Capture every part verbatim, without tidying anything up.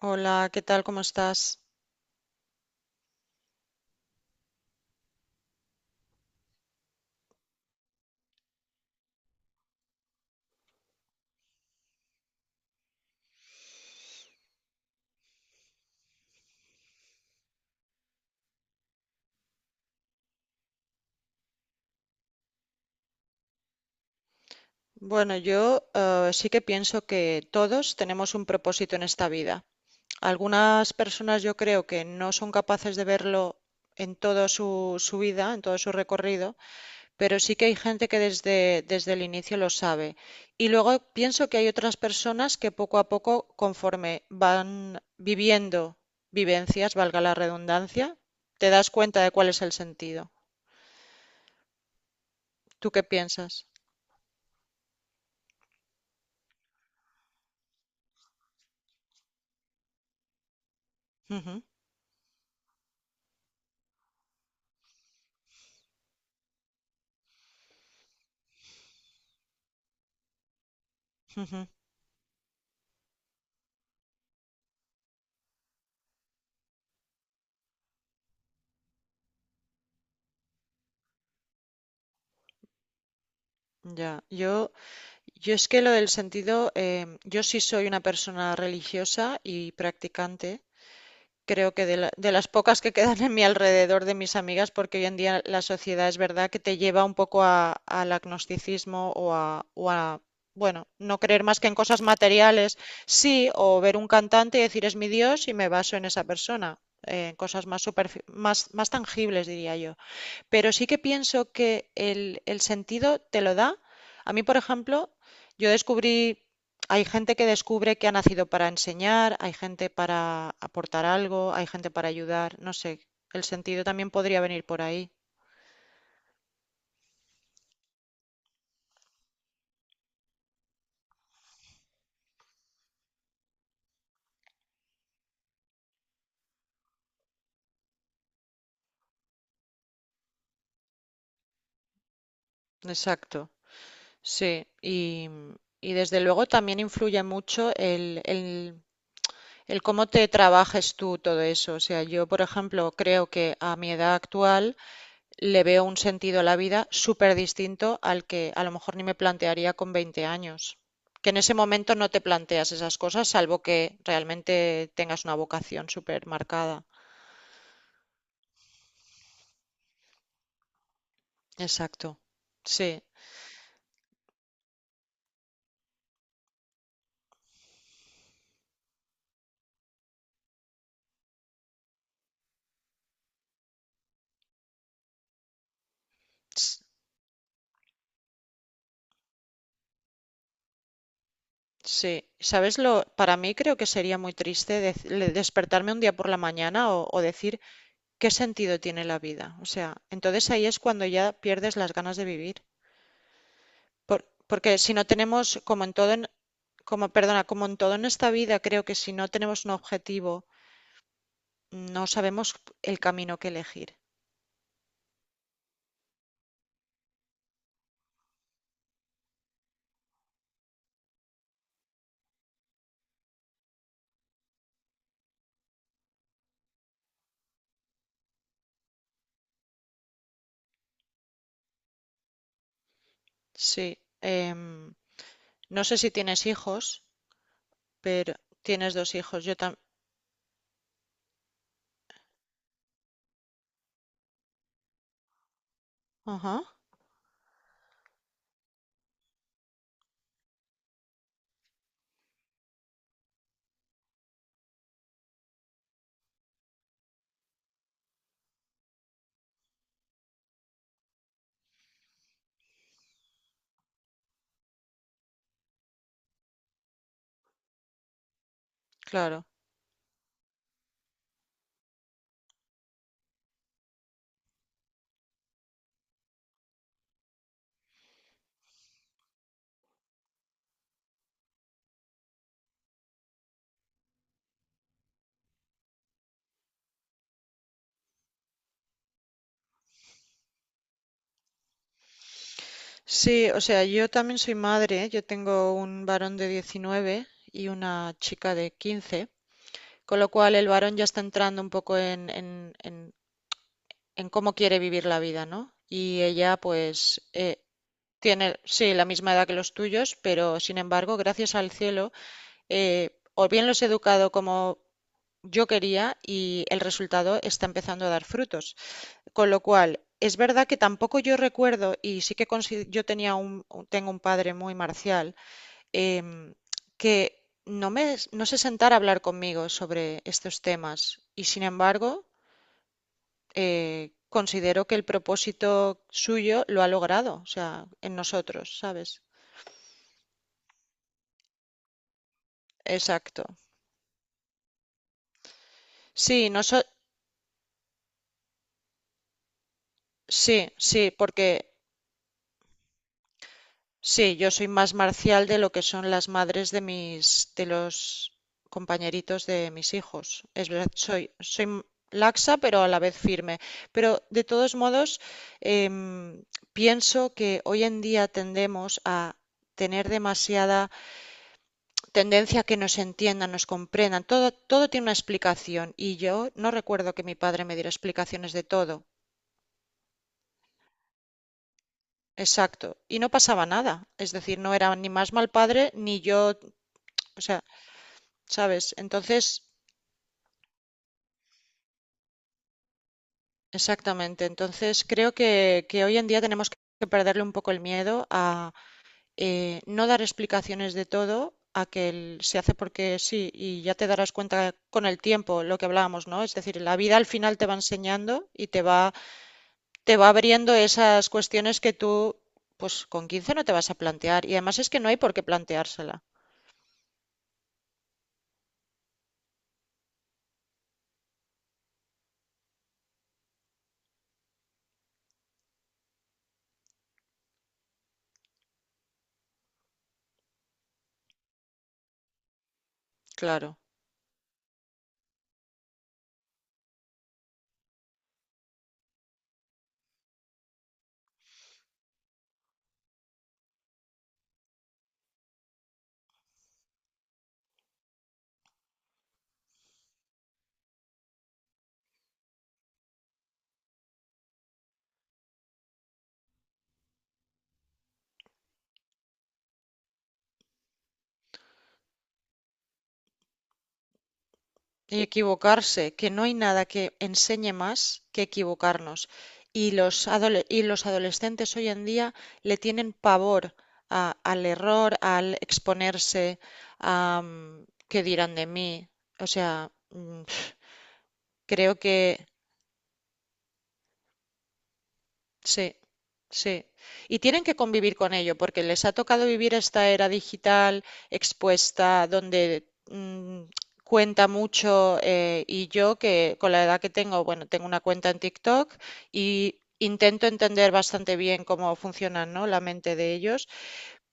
Hola, ¿qué tal? ¿Cómo estás? Bueno, yo eh, sí que pienso que todos tenemos un propósito en esta vida. Algunas personas yo creo que no son capaces de verlo en toda su, su vida, en todo su recorrido, pero sí que hay gente que desde, desde el inicio lo sabe. Y luego pienso que hay otras personas que poco a poco, conforme van viviendo vivencias, valga la redundancia, te das cuenta de cuál es el sentido. ¿Tú qué piensas? Ujú, ujú. Ya, yo, yo es que lo del sentido, em, yo sí soy una persona religiosa y practicante. Creo que de, la- de las pocas que quedan en mi alrededor de mis amigas, porque hoy en día la sociedad es verdad que te lleva un poco a- al agnosticismo o a, o a, bueno, no creer más que en cosas materiales, sí, o ver un cantante y decir es mi Dios y me baso en esa persona, eh, en cosas más, superfi- más, más tangibles, diría yo. Pero sí que pienso que el, el sentido te lo da. A mí, por ejemplo, yo descubrí, hay gente que descubre que ha nacido para enseñar, hay gente para aportar algo, hay gente para ayudar, no sé, el sentido también podría venir por ahí. Exacto, sí. Y, y desde luego también influye mucho el, el, el cómo te trabajes tú todo eso. O sea, yo, por ejemplo, creo que a mi edad actual le veo un sentido a la vida súper distinto al que a lo mejor ni me plantearía con veinte años. Que en ese momento no te planteas esas cosas, salvo que realmente tengas una vocación súper marcada. Exacto. Sí. S- Sí. ¿Sabes lo? Para mí creo que sería muy triste dec- le- despertarme un día por la mañana o, o decir qué sentido tiene la vida. O sea, entonces ahí es cuando ya pierdes las ganas de vivir. Por- porque si no tenemos, como en todo, en, como, perdona, como en todo en esta vida, creo que si no tenemos un objetivo, no sabemos el camino que elegir. Sí. Em, no sé si tienes hijos, pero tienes dos hijos. Yo también. Ajá, claro. Sí, o sea, yo también soy madre. Yo tengo un varón de diecinueve y una chica de quince, con lo cual el varón ya está entrando un poco en, en, en, en cómo quiere vivir la vida, ¿no? Y ella, pues, eh, Tiene, sí, la misma edad que los tuyos, pero sin embargo, gracias al cielo, eh, o bien los he educado como yo quería y el resultado está empezando a dar frutos. Con lo cual, es verdad que tampoco yo recuerdo, y sí que consi- yo tenía un, un- tengo un padre muy marcial, em, que no me, no se sentara a hablar conmigo sobre estos temas. Y sin embargo, eh, considero que el propósito suyo lo ha logrado, o sea, en nosotros, ¿sabes? Exacto. Sí, no so, sí, sí, porque sí, yo soy más marcial de lo que son las madres de mis, de los compañeritos de mis hijos. Es verdad, soy, soy m- laxa, pero a la vez firme. Pero de todos modos, em, pienso que hoy en día tendemos a tener demasiada tendencia a que nos entiendan, nos comprendan. Todo, todo tiene una explicación y yo no recuerdo que mi padre me diera explicaciones de todo. Exacto. Y no pasaba nada. Es decir, no era ni más mal padre, ni yo, o sea, ¿sabes? Entonces, exactamente. Entonces, creo que, que hoy en día tenemos que perderle un poco el miedo a eh, no dar explicaciones de todo, a que el- se hace porque sí, y ya te darás cuenta con el tiempo lo que hablábamos, ¿no? Es decir, la vida al final te va enseñando y te va, te va abriendo esas cuestiones que tú, pues con quince no te vas a plantear. Y además es que no hay por qué planteársela. Claro. Y equivocarse, que no hay nada que enseñe más que equivocarnos. Y los, adole- y los adolescentes hoy en día le tienen pavor a- al error, al exponerse, a mm, qué dirán de mí. O sea, mm, creo que sí, sí. Y tienen que convivir con ello, porque les ha tocado vivir esta era digital expuesta, donde mm, cuenta mucho. eh, y yo, que con la edad que tengo, bueno, tengo una cuenta en TikTok y intento entender bastante bien cómo funcionan, ¿no?, la mente de ellos,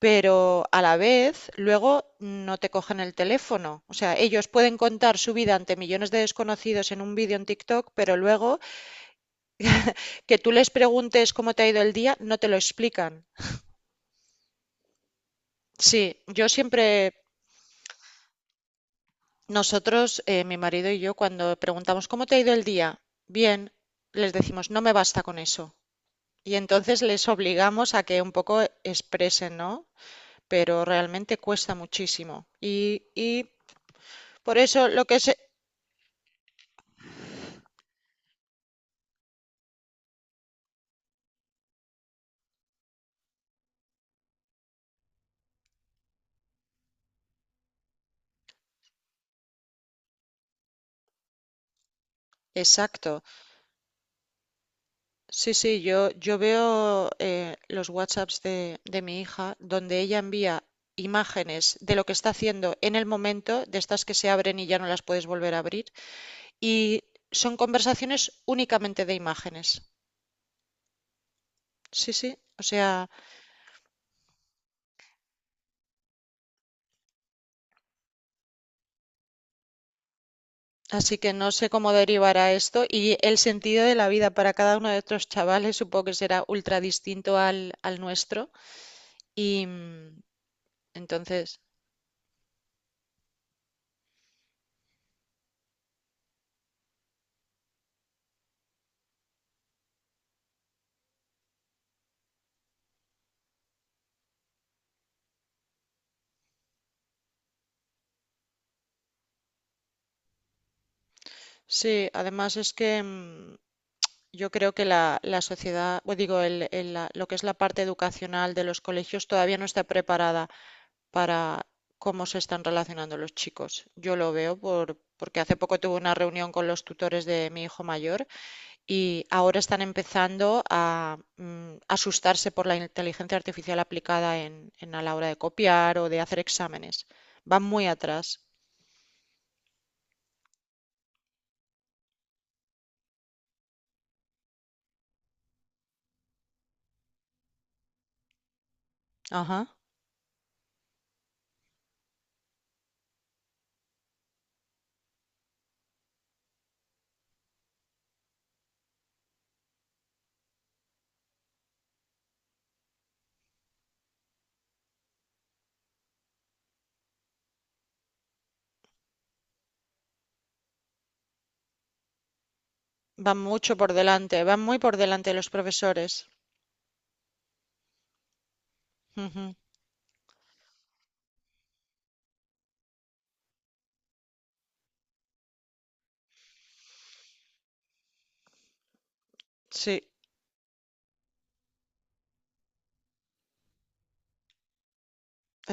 pero a la vez luego no te cogen el teléfono. O sea, ellos pueden contar su vida ante millones de desconocidos en un vídeo en TikTok, pero luego que tú les preguntes cómo te ha ido el día, no te lo explican. Sí, yo siempre, nosotros, eh, mi marido y yo, cuando preguntamos cómo te ha ido el día, bien, les decimos, no me basta con eso. Y entonces les obligamos a que un poco expresen, ¿no? Pero realmente cuesta muchísimo. Y, y por eso lo que se. Exacto. Sí, sí, yo, yo veo eh, los WhatsApps de, de mi hija, donde ella envía imágenes de lo que está haciendo en el momento, de estas que se abren y ya no las puedes volver a abrir, y son conversaciones únicamente de imágenes. Sí, sí, o sea, así que no sé cómo derivará esto y el sentido de la vida para cada uno de estos chavales supongo que será ultra distinto al, al nuestro y mm, entonces, sí, además es que mm, yo creo que la, la sociedad, o digo, el- el- la- lo que es la parte educacional de los colegios todavía no está preparada para cómo se están relacionando los chicos. Yo lo veo por, porque hace poco tuve una reunión con los tutores de mi hijo mayor y ahora están empezando a mm, asustarse por la inteligencia artificial aplicada en, en a la hora de copiar o de hacer exámenes. Van muy atrás. Ajá. Van mucho por delante, van muy por delante de los profesores. Ujú. Sí,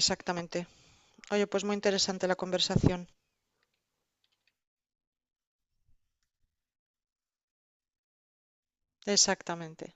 exactamente. Oye, pues muy interesante la conversación. Exactamente.